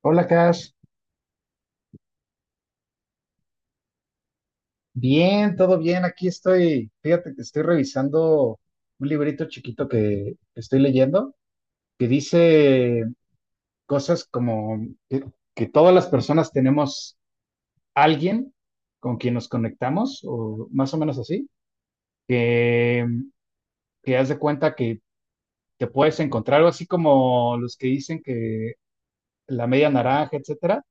Hola, Cash. Bien, todo bien. Aquí estoy. Fíjate que estoy revisando un librito chiquito que estoy leyendo que dice cosas como que, que todas las personas tenemos alguien con quien nos conectamos, o más o menos así, que, que haz de cuenta que te puedes encontrar algo así como los que dicen que la media naranja, etcétera.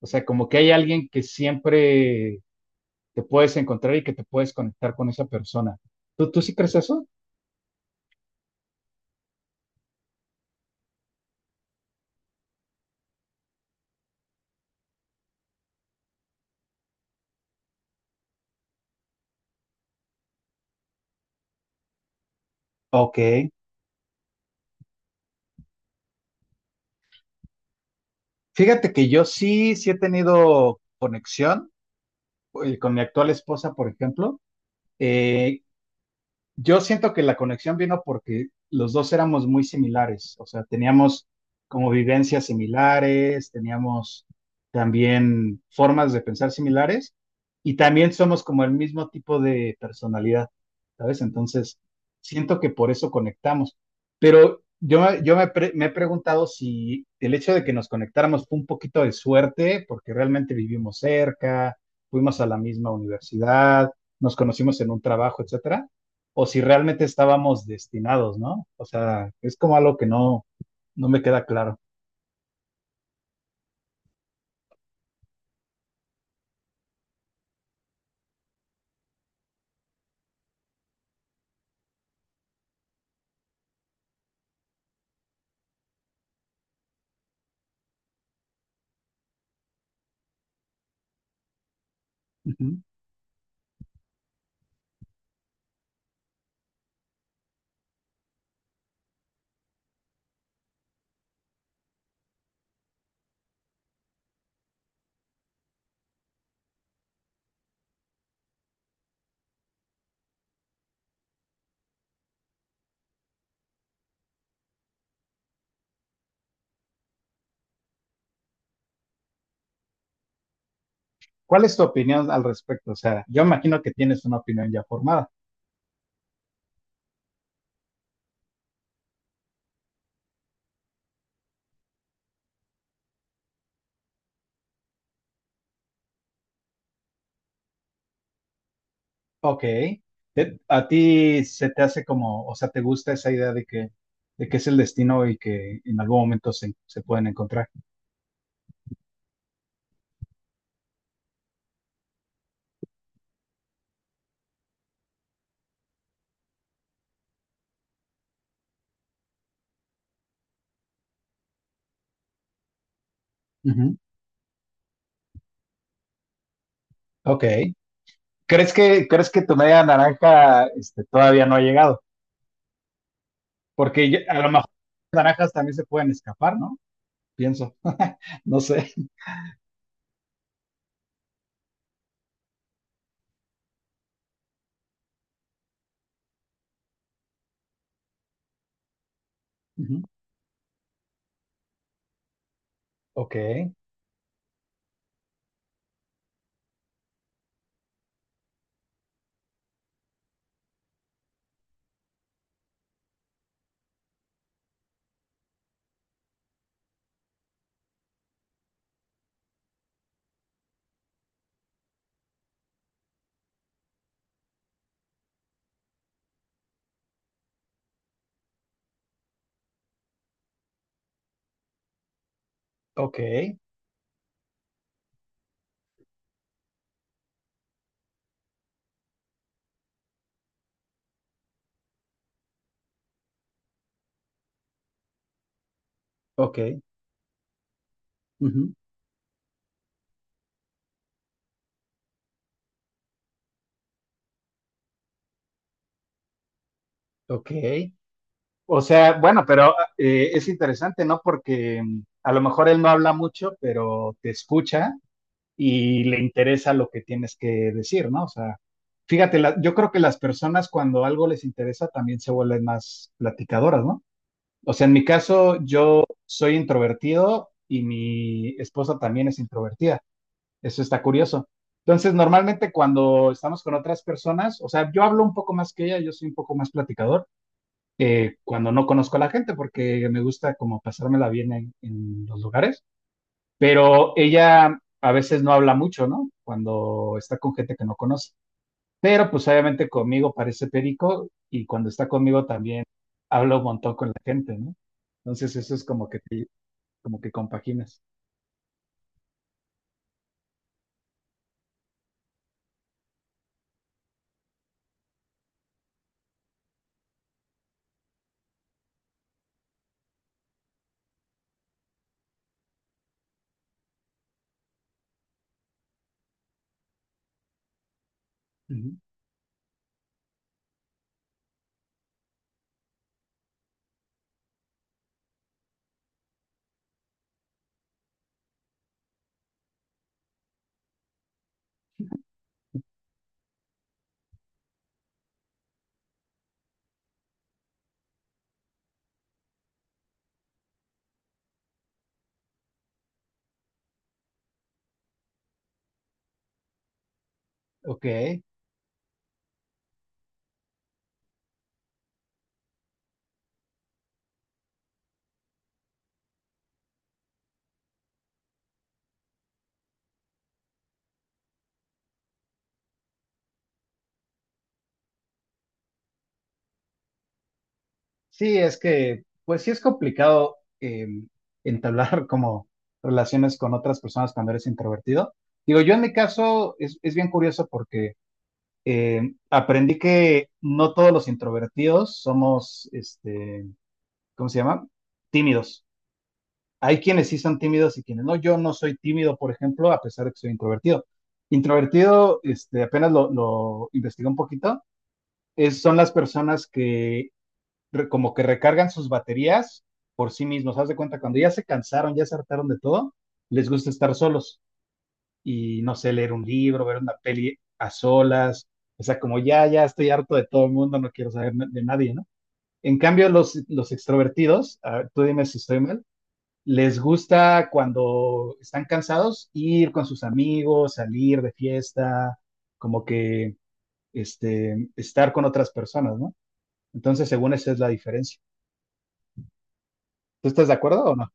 O sea, como que hay alguien que siempre te puedes encontrar y que te puedes conectar con esa persona. ¿Tú sí crees eso? Ok. Fíjate que yo sí, sí he tenido conexión con mi actual esposa, por ejemplo. Eh, Yo siento que la conexión vino porque los dos éramos muy similares, o sea, teníamos como vivencias similares, teníamos también formas de pensar similares y también somos como el mismo tipo de personalidad, ¿sabes? Entonces, siento que por eso conectamos. Pero me he preguntado si el hecho de que nos conectáramos fue un poquito de suerte, porque realmente vivimos cerca, fuimos a la misma universidad, nos conocimos en un trabajo, etcétera, o si realmente estábamos destinados, ¿no? O sea, es como algo que no me queda claro. Uh -huh. ¿Cuál es tu opinión al respecto? O sea, yo imagino que tienes una opinión ya formada. Ok. ¿A ti se te hace como, o sea, te gusta esa idea de que es el destino y que en algún momento se pueden encontrar? Ujú. Ok. ¿Crees crees que tu media naranja este, todavía no ha llegado? Porque a lo mejor las naranjas también se pueden escapar, ¿no? Pienso. No sé. Ujú. Ok, ok, ok, ujú, ok. O sea, bueno, pero es interesante, ¿no? Porque mm, a lo mejor él no habla mucho, pero te escucha y le interesa lo que tienes que decir, ¿no? O sea, fíjate, yo creo que las personas cuando algo les interesa también se vuelven más platicadoras, ¿no? O sea, en mi caso, yo soy introvertido y mi esposa también es introvertida. Eso está curioso. Entonces, normalmente cuando estamos con otras personas, o sea, yo hablo un poco más que ella, yo soy un poco más platicador cuando no conozco a la gente, porque me gusta como pasármela bien en los lugares, pero ella a veces no habla mucho, ¿no? Cuando está con gente que no conoce. Pero pues obviamente conmigo parece perico y cuando está conmigo también habla un montón con la gente, ¿no? Entonces eso es como que como que compaginas. Ujú. Ok. Sí, es que, pues sí es complicado entablar como relaciones con otras personas cuando eres introvertido. Digo, yo en mi caso es bien curioso porque aprendí que no todos los introvertidos somos, este, ¿cómo se llama? Tímidos. Hay quienes sí son tímidos y quienes no. Yo no soy tímido, por ejemplo, a pesar de que soy introvertido. Introvertido, este, apenas lo investigué un poquito, son las personas que como que recargan sus baterías por sí mismos. Haz de cuenta, cuando ya se cansaron, ya se hartaron de todo, les gusta estar solos y no sé, leer un libro, ver una peli a solas. O sea, como ya estoy harto de todo el mundo, no quiero saber de nadie, ¿no? En cambio, los extrovertidos, a ver, tú dime si estoy mal, les gusta cuando están cansados ir con sus amigos, salir de fiesta, como que este, estar con otras personas, ¿no? Entonces, según esa es la diferencia. ¿Tú estás de acuerdo o no?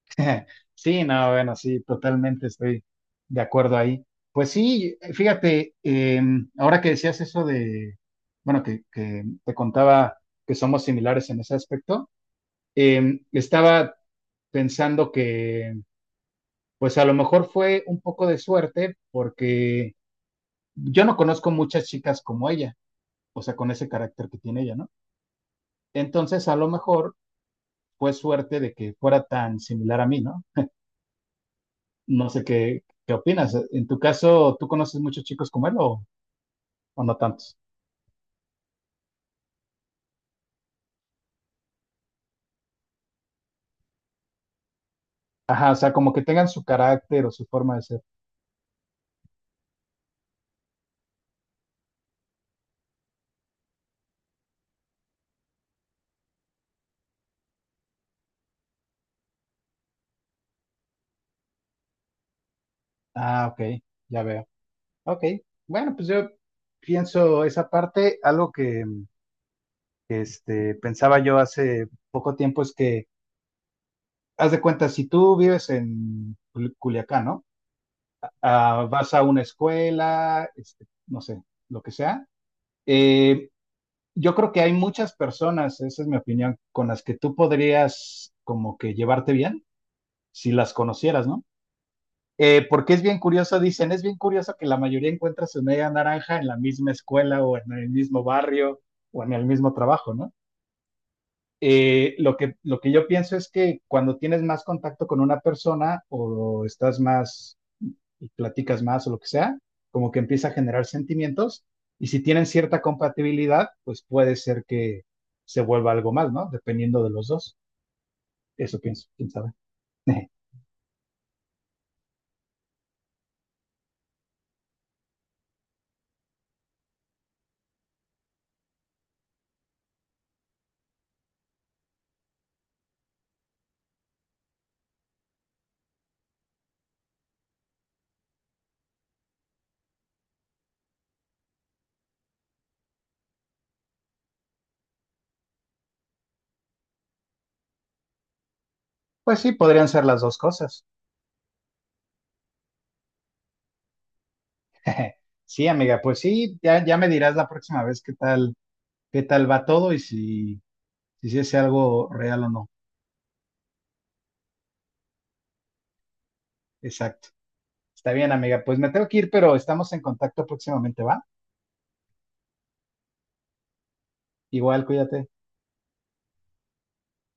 Sí, no, bueno, sí, totalmente estoy de acuerdo ahí. Pues sí, fíjate, ahora que decías eso de, bueno, que te contaba que somos similares en ese aspecto, estaba pensando que, pues a lo mejor fue un poco de suerte porque yo no conozco muchas chicas como ella, o sea, con ese carácter que tiene ella, ¿no? Entonces, a lo mejor fue suerte de que fuera tan similar a mí, ¿no? No sé qué opinas. En tu caso, ¿tú conoces muchos chicos como él o no tantos? Ajá, o sea, como que tengan su carácter o su forma de ser. Ah, ok, ya veo. Ok, bueno, pues yo pienso esa parte. Algo que este, pensaba yo hace poco tiempo es que, haz de cuenta, si tú vives en Culiacán, ¿no? Ah, vas a una escuela, este, no sé, lo que sea. eh, yo creo que hay muchas personas, esa es mi opinión, con las que tú podrías como que llevarte bien si las conocieras, ¿no? Porque es bien curioso, dicen, es bien curioso que la mayoría encuentra su media naranja en la misma escuela o en el mismo barrio o en el mismo trabajo, ¿no? Lo que yo pienso es que cuando tienes más contacto con una persona o estás más y platicas más o lo que sea, como que empieza a generar sentimientos y si tienen cierta compatibilidad, pues puede ser que se vuelva algo más, ¿no? Dependiendo de los dos. Eso pienso, quién sabe. Pues sí, podrían ser las dos cosas. Sí, amiga, pues sí, ya, ya me dirás la próxima vez qué tal, va todo y si, si es algo real o no. Exacto. Está bien, amiga. Pues me tengo que ir, pero estamos en contacto próximamente, ¿va? Igual, cuídate.